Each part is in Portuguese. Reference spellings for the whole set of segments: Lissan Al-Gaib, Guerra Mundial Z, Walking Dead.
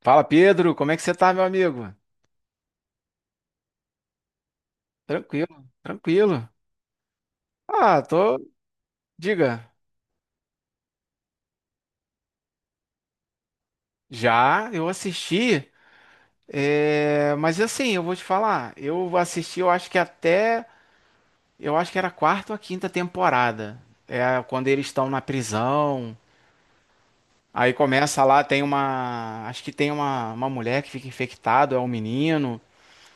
Fala, Pedro, como é que você tá, meu amigo? Tranquilo, tranquilo. Ah, tô. Diga, já eu assisti. É, mas assim, eu vou te falar, eu assisti, eu acho que até, eu acho que era a quarta ou a quinta temporada, é quando eles estão na prisão. Aí começa lá, tem uma, acho que tem uma mulher que fica infectada, é um menino.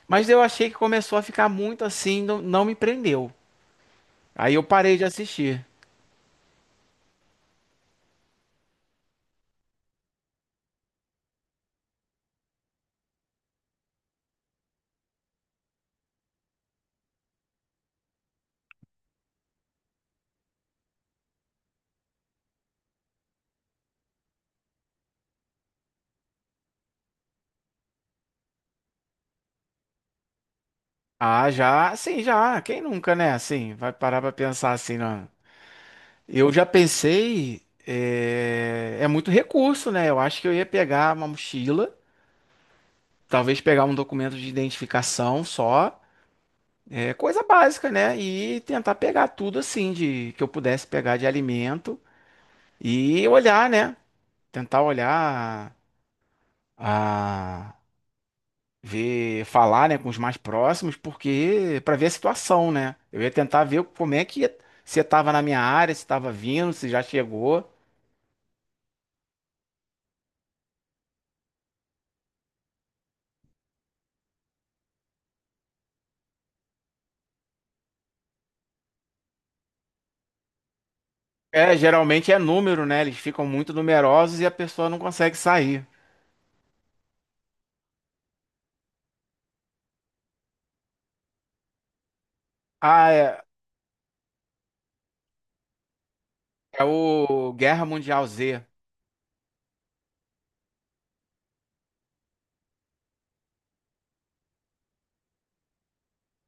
Mas eu achei que começou a ficar muito assim, não, não me prendeu. Aí eu parei de assistir. Ah, já, sim, já. Quem nunca, né? Assim, vai parar pra pensar assim, não. Eu já pensei, é, é muito recurso, né? Eu acho que eu ia pegar uma mochila, talvez pegar um documento de identificação só, é coisa básica, né? E tentar pegar tudo assim de que eu pudesse pegar de alimento e olhar, né? Tentar olhar a ver, falar, né, com os mais próximos, porque para ver a situação, né? Eu ia tentar ver como é que você tava na minha área, se tava vindo, se já chegou. É, geralmente é número, né? Eles ficam muito numerosos e a pessoa não consegue sair. Ah, é, é o Guerra Mundial Z.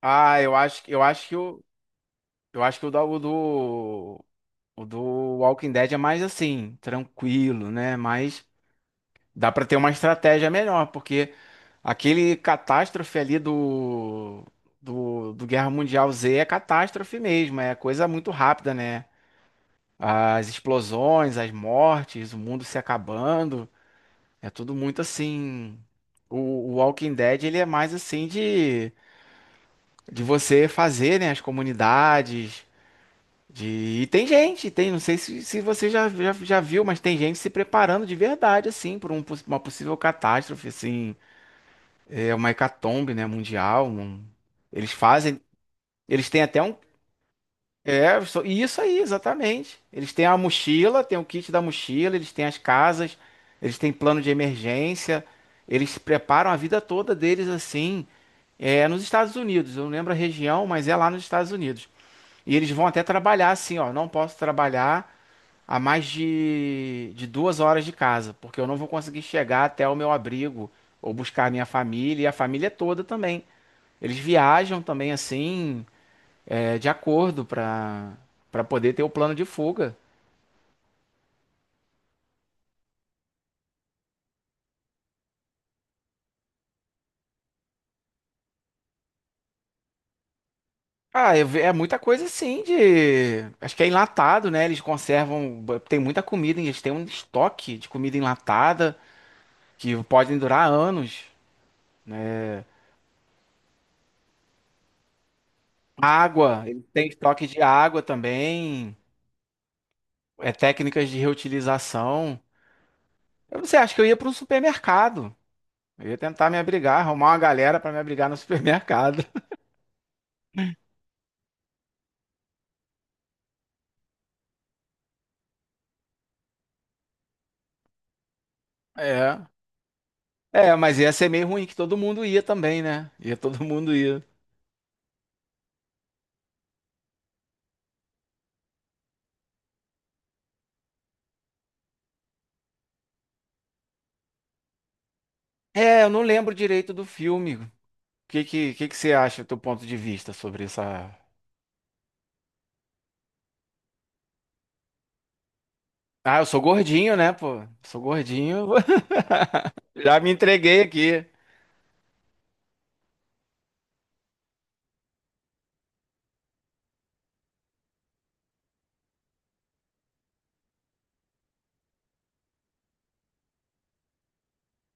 Ah, eu acho, eu acho que o, eu acho que o do Walking Dead é mais assim, tranquilo, né? Mas dá pra ter uma estratégia melhor, porque aquele catástrofe ali do Guerra Mundial Z é catástrofe mesmo, é coisa muito rápida, né? As explosões, as mortes, o mundo se acabando, é tudo muito assim. O, o Walking Dead ele é mais assim de você fazer, né? As comunidades. De... E tem gente, tem, não sei se você já viu, mas tem gente se preparando de verdade, assim, por um, uma possível catástrofe, assim. É uma hecatombe, né, mundial. Eles fazem, eles têm até um, e isso aí, exatamente. Eles têm a mochila, têm o kit da mochila, eles têm as casas, eles têm plano de emergência, eles se preparam a vida toda deles assim, é nos Estados Unidos. Eu não lembro a região, mas é lá nos Estados Unidos. E eles vão até trabalhar assim, ó, não posso trabalhar a mais de 2 horas de casa, porque eu não vou conseguir chegar até o meu abrigo ou buscar a minha família e a família toda também. Eles viajam também assim, é, de acordo para para poder ter o plano de fuga. Ah, é, é muita coisa assim de. Acho que é enlatado, né? Eles conservam. Tem muita comida, hein? Eles têm um estoque de comida enlatada que podem durar anos. Água, eles têm estoque de água também. É, técnicas de reutilização. Eu não sei, acho que eu ia para um supermercado. Eu ia tentar me abrigar, arrumar uma galera para me abrigar no supermercado. É. É, mas ia ser meio ruim que todo mundo ia também, né? Ia todo mundo ia. É, eu não lembro direito do filme. O que que você acha, do teu ponto de vista sobre essa... Ah, eu sou gordinho, né, pô? Sou gordinho. Já me entreguei aqui.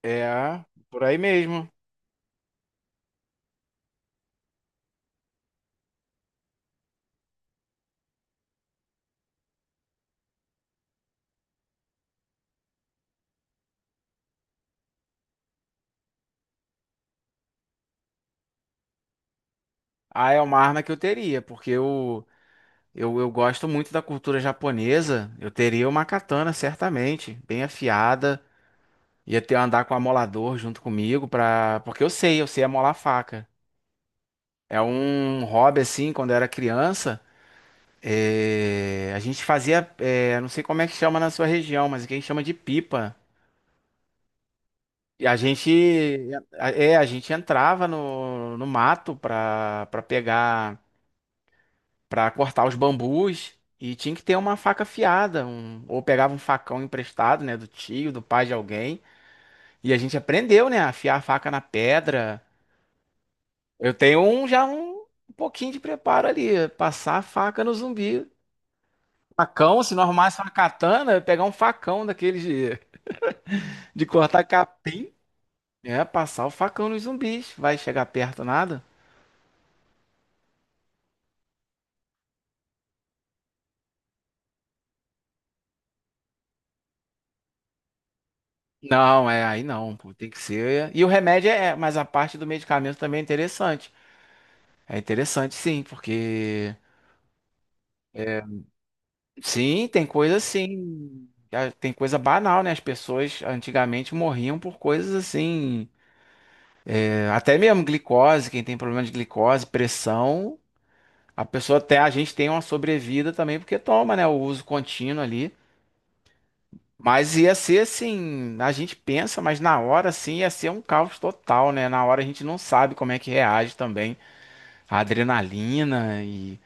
É, por aí mesmo. Ah, é uma arma que eu teria, porque eu gosto muito da cultura japonesa. Eu teria uma katana, certamente, bem afiada. Ia ter andar com o amolador junto comigo, pra... porque eu sei amolar faca. É um hobby assim, quando eu era criança, a gente fazia, não sei como é que chama na sua região, mas aqui a gente chama de pipa. E a gente, é, a gente entrava no mato pra pegar, pra cortar os bambus e tinha que ter uma faca afiada, ou pegava um facão emprestado, né, do tio, do pai de alguém. E a gente aprendeu, né, a afiar a faca na pedra. Eu tenho um já um pouquinho de preparo ali, passar a faca no zumbi. Facão, se não arrumasse uma katana, eu ia pegar um facão daqueles de cortar capim, é, passar o facão nos zumbis. Vai chegar perto nada? Não, é aí não, pô, tem que ser. E o remédio é, mas a parte do medicamento também é interessante. É interessante sim, porque sim, tem coisa assim, ah, tem coisa banal, né? As pessoas antigamente morriam por coisas assim, é, até mesmo glicose, quem tem problema de glicose, pressão, a pessoa até a gente tem uma sobrevida também porque toma, né, o uso contínuo ali. Mas ia ser assim, a gente pensa, mas na hora assim ia ser um caos total, né? Na hora a gente não sabe como é que reage também a adrenalina e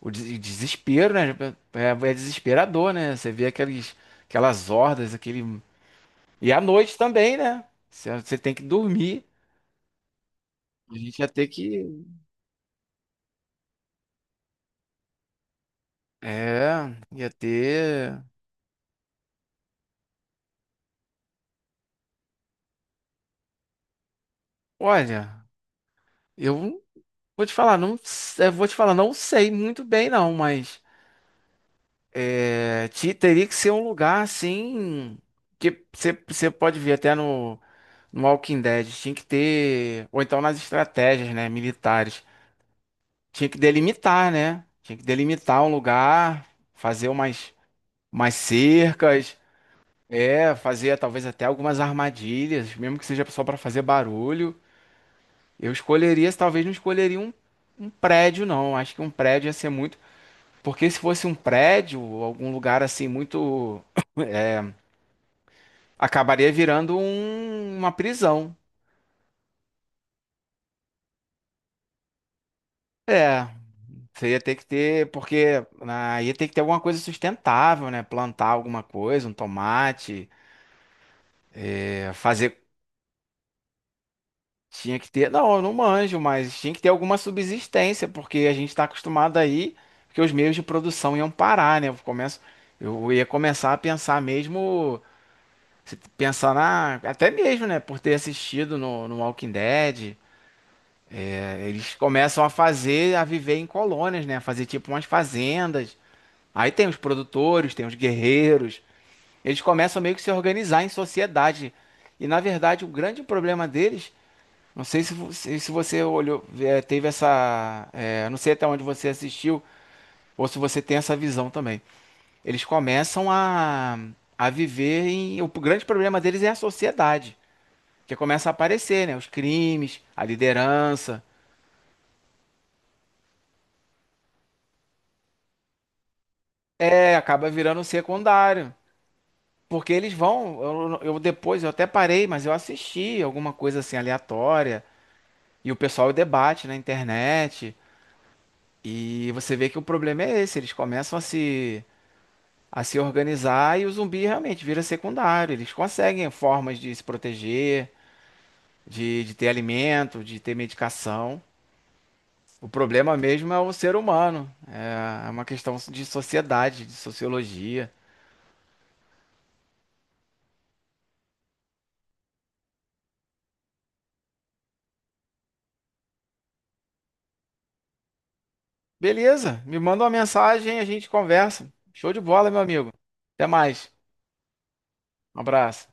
e desespero, né? É, é desesperador, né? Você vê aqueles, aquelas hordas, aquele e à noite também, né? Você tem que dormir. A gente ia ter que é, ia ter. Olha, eu vou te falar, não, vou te falar, não sei muito bem não, mas teria que ser um lugar assim que você pode ver até no Walking Dead, tinha que ter, ou então nas estratégias, né, militares, tinha que delimitar, né? Tinha que delimitar um lugar, fazer umas, umas cercas, é, fazer talvez até algumas armadilhas, mesmo que seja só para fazer barulho. Eu escolheria, talvez não escolheria um prédio, não. Acho que um prédio ia ser muito. Porque se fosse um prédio, algum lugar assim muito, acabaria virando uma prisão. É, você ia ter que ter, porque ah, ia ter que ter alguma coisa sustentável, né? Plantar alguma coisa, um tomate, é, fazer. Tinha que ter, não, eu não manjo, mas tinha que ter alguma subsistência, porque a gente está acostumado aí que os meios de produção iam parar, né? Eu começo, eu ia começar a pensar mesmo, pensar na, até mesmo, né? Por ter assistido no Walking Dead. Eles começam a fazer, a viver em colônias, né? A fazer tipo umas fazendas. Aí tem os produtores, tem os guerreiros. Eles começam meio que se organizar em sociedade. E na verdade, o grande problema deles, não sei se você, se você olhou, teve essa, não sei até onde você assistiu ou se você tem essa visão também. Eles começam a viver em, o grande problema deles é a sociedade, que começa a aparecer, né? Os crimes, a liderança. É, acaba virando secundário. Porque eles vão, depois eu até parei, mas eu assisti alguma coisa assim aleatória e o pessoal debate na internet e você vê que o problema é esse, eles começam a se organizar e o zumbi realmente vira secundário, eles conseguem formas de se proteger, de ter alimento, de ter medicação. O problema mesmo é o ser humano, é uma questão de sociedade, de sociologia. Beleza, me manda uma mensagem, a gente conversa. Show de bola, meu amigo. Até mais. Um abraço.